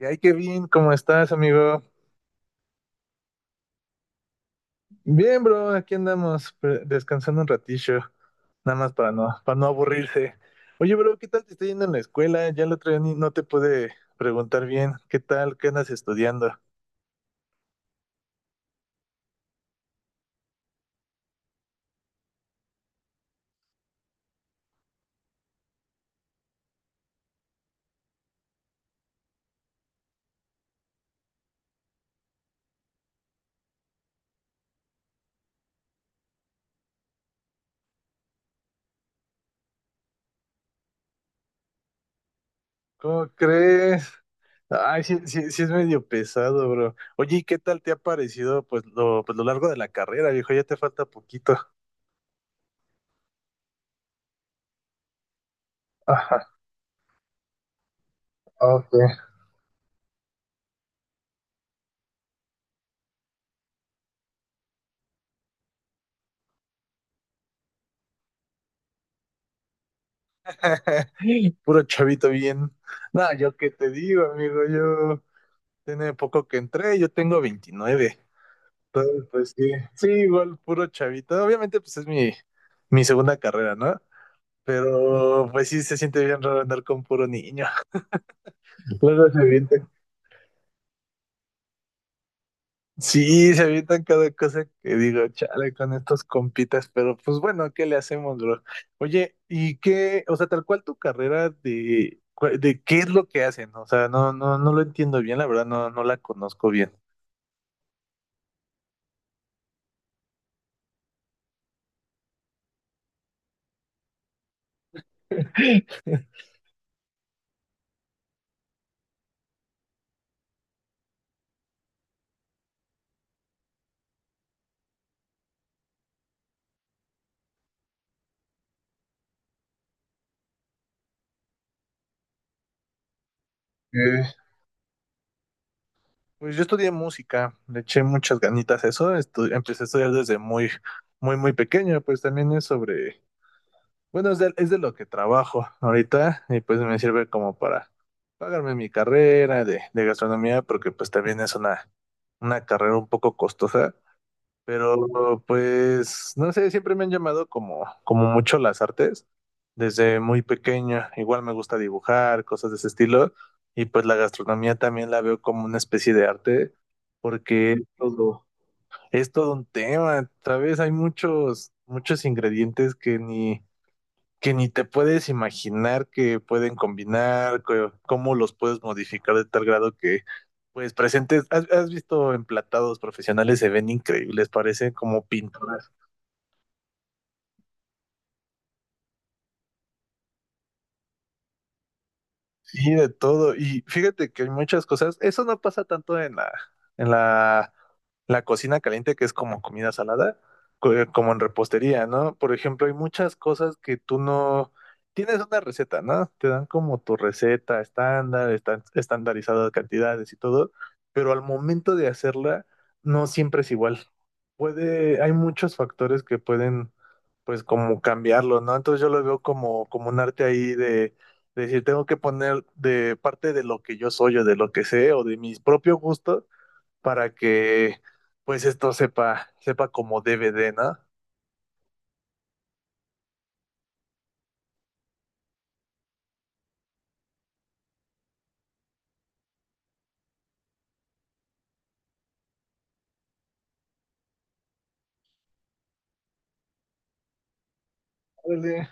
Y ay, Kevin, ¿cómo estás, amigo? Bien, bro, aquí andamos descansando un ratillo, nada más para no aburrirse. Oye, bro, ¿qué tal te está yendo en la escuela? Ya el otro día no te pude preguntar bien. ¿Qué tal? ¿Qué andas estudiando? ¿Cómo crees? Ay, sí, sí, sí es medio pesado, bro. Oye, ¿y qué tal te ha parecido pues lo largo de la carrera, viejo? Ya te falta poquito. Ajá, ok. Puro chavito bien. No, yo qué te digo, amigo, yo. Tiene poco que entré, yo tengo 29. Entonces, pues sí, sí, igual puro chavito. Obviamente, mi segunda carrera, ¿no? Pero pues sí se siente bien raro andar con puro niño. Luego se avientan. Sí, se avientan cada cosa que digo, chale, con estos compitas, pero pues bueno, ¿qué le hacemos, bro? Oye, ¿y qué? O sea, tal cual tu carrera de, cu- de qué es lo que hacen? O sea, no lo entiendo bien, la verdad, no la conozco bien. Eh, pues yo estudié música, le eché muchas ganitas a eso, empecé a estudiar desde muy pequeño, pues también es sobre, bueno, es de lo que trabajo ahorita y pues me sirve como para pagarme mi carrera de gastronomía, porque pues también una carrera un poco costosa, pero pues, no sé, siempre me han llamado como mucho las artes, desde muy pequeño. Igual me gusta dibujar, cosas de ese estilo. Y pues la gastronomía también la veo como una especie de arte, porque es todo un tema, ¿sabes? Hay muchos ingredientes que ni te puedes imaginar que pueden combinar, cómo los puedes modificar de tal grado que pues presentes, has visto emplatados profesionales? Se ven increíbles, parecen como pinturas. Sí, de todo. Y fíjate que hay muchas cosas. Eso no pasa tanto en la, la cocina caliente, que es como comida salada, como en repostería, ¿no? Por ejemplo, hay muchas cosas que tú no tienes una receta, ¿no? Te dan como tu receta estándar, están estandarizadas cantidades y todo, pero al momento de hacerla, no siempre es igual. Hay muchos factores que pueden, pues, como cambiarlo, ¿no? Entonces yo lo veo como un arte ahí, es decir, tengo que poner de parte de lo que yo soy o de lo que sé o de mis propios gustos para que pues esto sepa, sepa como debe de, ¿no? Órale.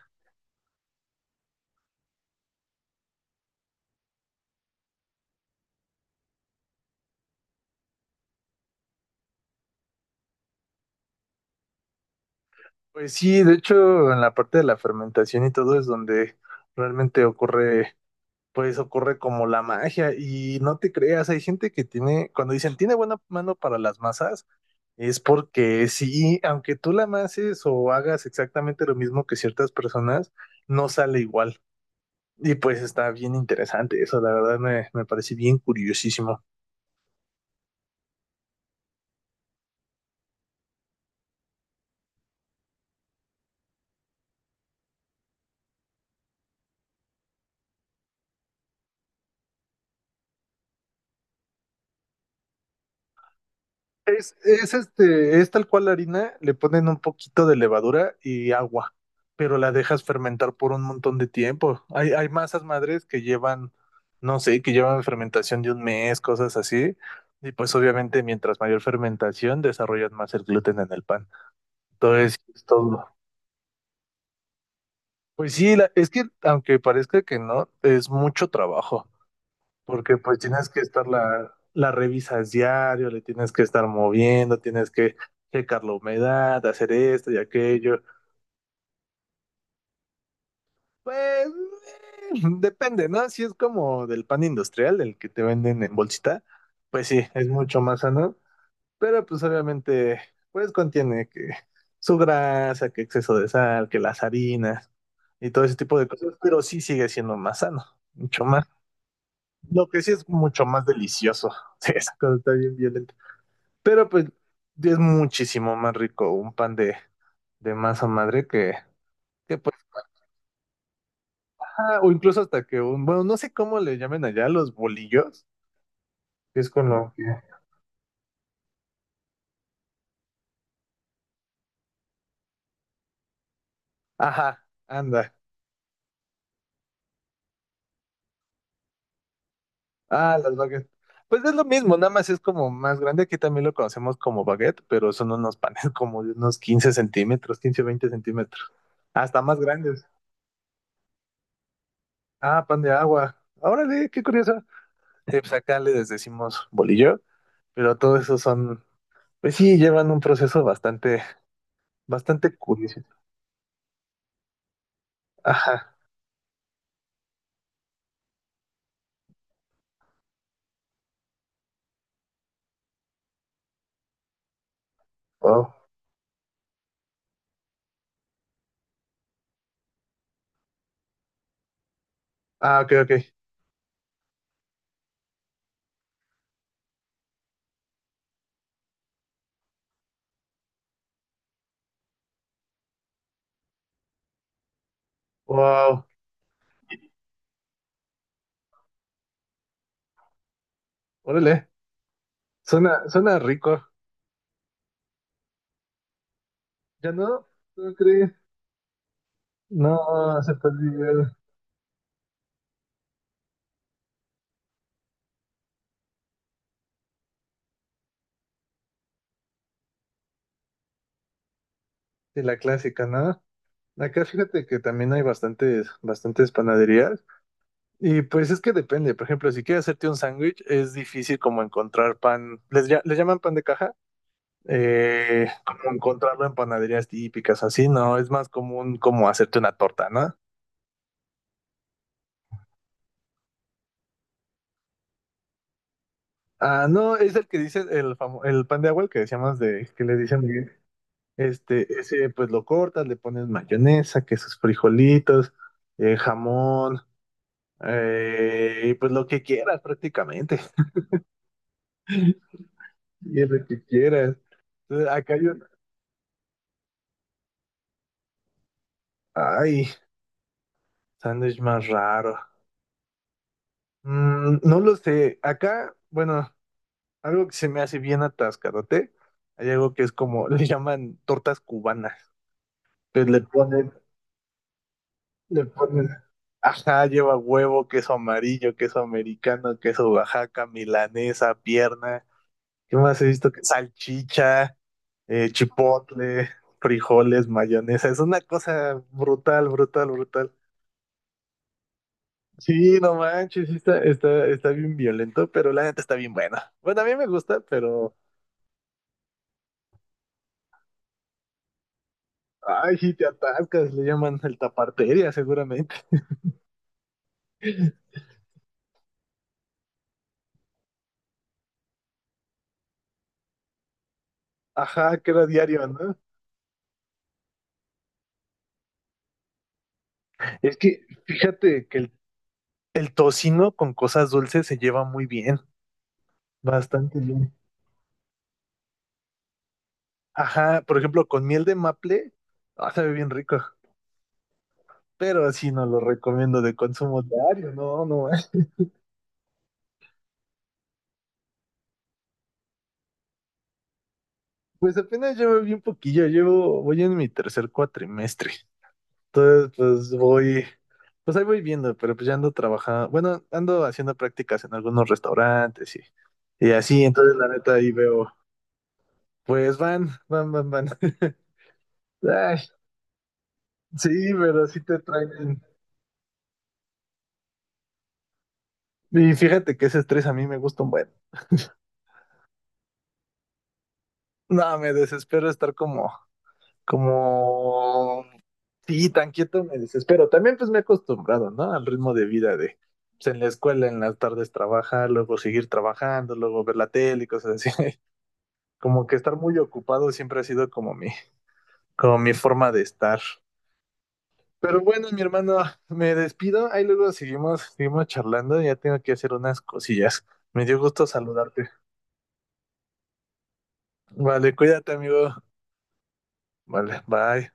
Pues sí, de hecho, en la parte de la fermentación y todo es donde realmente ocurre, pues ocurre como la magia. Y no te creas, hay gente que tiene, cuando dicen tiene buena mano para las masas, es porque sí, aunque tú la amases o hagas exactamente lo mismo que ciertas personas, no sale igual. Y pues está bien interesante eso, la verdad me, me parece bien curiosísimo. Es este, es tal cual la harina, le ponen un poquito de levadura y agua, pero la dejas fermentar por un montón de tiempo. Hay masas madres que llevan, no sé, que llevan fermentación de un mes, cosas así. Y pues obviamente mientras mayor fermentación desarrollan más el gluten en el pan. Entonces, es todo. Pues sí, es que aunque parezca que no, es mucho trabajo, porque pues tienes que estar la revisas diario, le tienes que estar moviendo, tienes que checar la humedad, hacer esto y aquello. Pues depende, ¿no? Si es como del pan industrial, del que te venden en bolsita, pues sí, es mucho más sano, pero pues obviamente pues contiene que su grasa, que exceso de sal, que las harinas y todo ese tipo de cosas, pero sí sigue siendo más sano, mucho más. Lo que sí es mucho más delicioso. Sí, esa cosa está bien bien. Pero pues es muchísimo más rico un pan de masa madre que pues, ah, o incluso hasta que un, bueno, no sé cómo le llamen allá los bolillos, que es con lo que... Ajá, anda. Ah, las baguettes. Pues es lo mismo, nada más es como más grande. Aquí también lo conocemos como baguette, pero son unos panes como de unos 15 centímetros, 15 20 centímetros. Hasta más grandes. Ah, pan de agua. Órale, qué curioso. Sí, pues acá les decimos bolillo, pero todo eso son. Pues sí, llevan un proceso bastante, bastante curioso. Ajá. Wow. Ah, ok, ok. Wow. Órale. Suena, suena rico. ¿Ya no? ¿No crees? No, se perdió de la clásica, ¿no? Acá fíjate que también hay bastantes, bastantes panaderías. Y pues es que depende. Por ejemplo, si quieres hacerte un sándwich, es difícil como encontrar pan. Les llaman pan de caja? Eh, como encontrarlo en panaderías típicas, así, ¿no? Es más común como hacerte una torta, ¿no? Ah, no, es el que dice el pan de agua, el que decíamos de que le dicen Miguel. Ese pues lo cortas, le pones mayonesa, que sus frijolitos, jamón, y pues lo que quieras prácticamente. Y es lo que quieras. Entonces, acá hay un, ay, sándwich más raro. Mm, no lo sé. Acá, bueno, algo que se me hace bien atascadote, hay algo que es como, le llaman tortas cubanas. Pues le ponen Le ponen, ajá, lleva huevo, queso amarillo, queso americano, queso Oaxaca, milanesa, pierna. ¿Qué más he visto? Que salchicha, chipotle, frijoles, mayonesa. Es una cosa brutal, brutal, brutal. Sí, no manches, sí está bien violento, pero la neta está bien buena. Bueno, a mí me gusta, pero... Ay, si te atascas, le llaman el taparteria seguramente. Ajá, que era diario, ¿no? Es que fíjate que el tocino con cosas dulces se lleva muy bien, bastante bien. Ajá, por ejemplo, con miel de maple, ah, sabe bien rico, pero así no lo recomiendo de consumo diario, no, no. Eh, pues apenas llevo bien poquillo, llevo, voy en mi tercer cuatrimestre, entonces pues voy, pues ahí voy viendo, pero pues ya ando trabajando, bueno, ando haciendo prácticas en algunos restaurantes y así, entonces la neta ahí veo, pues van. Ay, sí, pero sí te traen. Y fíjate que ese estrés a mí me gusta un buen. No, me desespero estar como, sí, tan quieto me desespero. También pues me he acostumbrado, ¿no? Al ritmo pues en la escuela, en las tardes trabajar, luego seguir trabajando, luego ver la tele y cosas así. Como que estar muy ocupado siempre ha sido como como mi forma de estar. Pero bueno, mi hermano, me despido. Ahí luego seguimos, seguimos charlando. Ya tengo que hacer unas cosillas. Me dio gusto saludarte. Vale, cuídate, amigo. Vale, bye.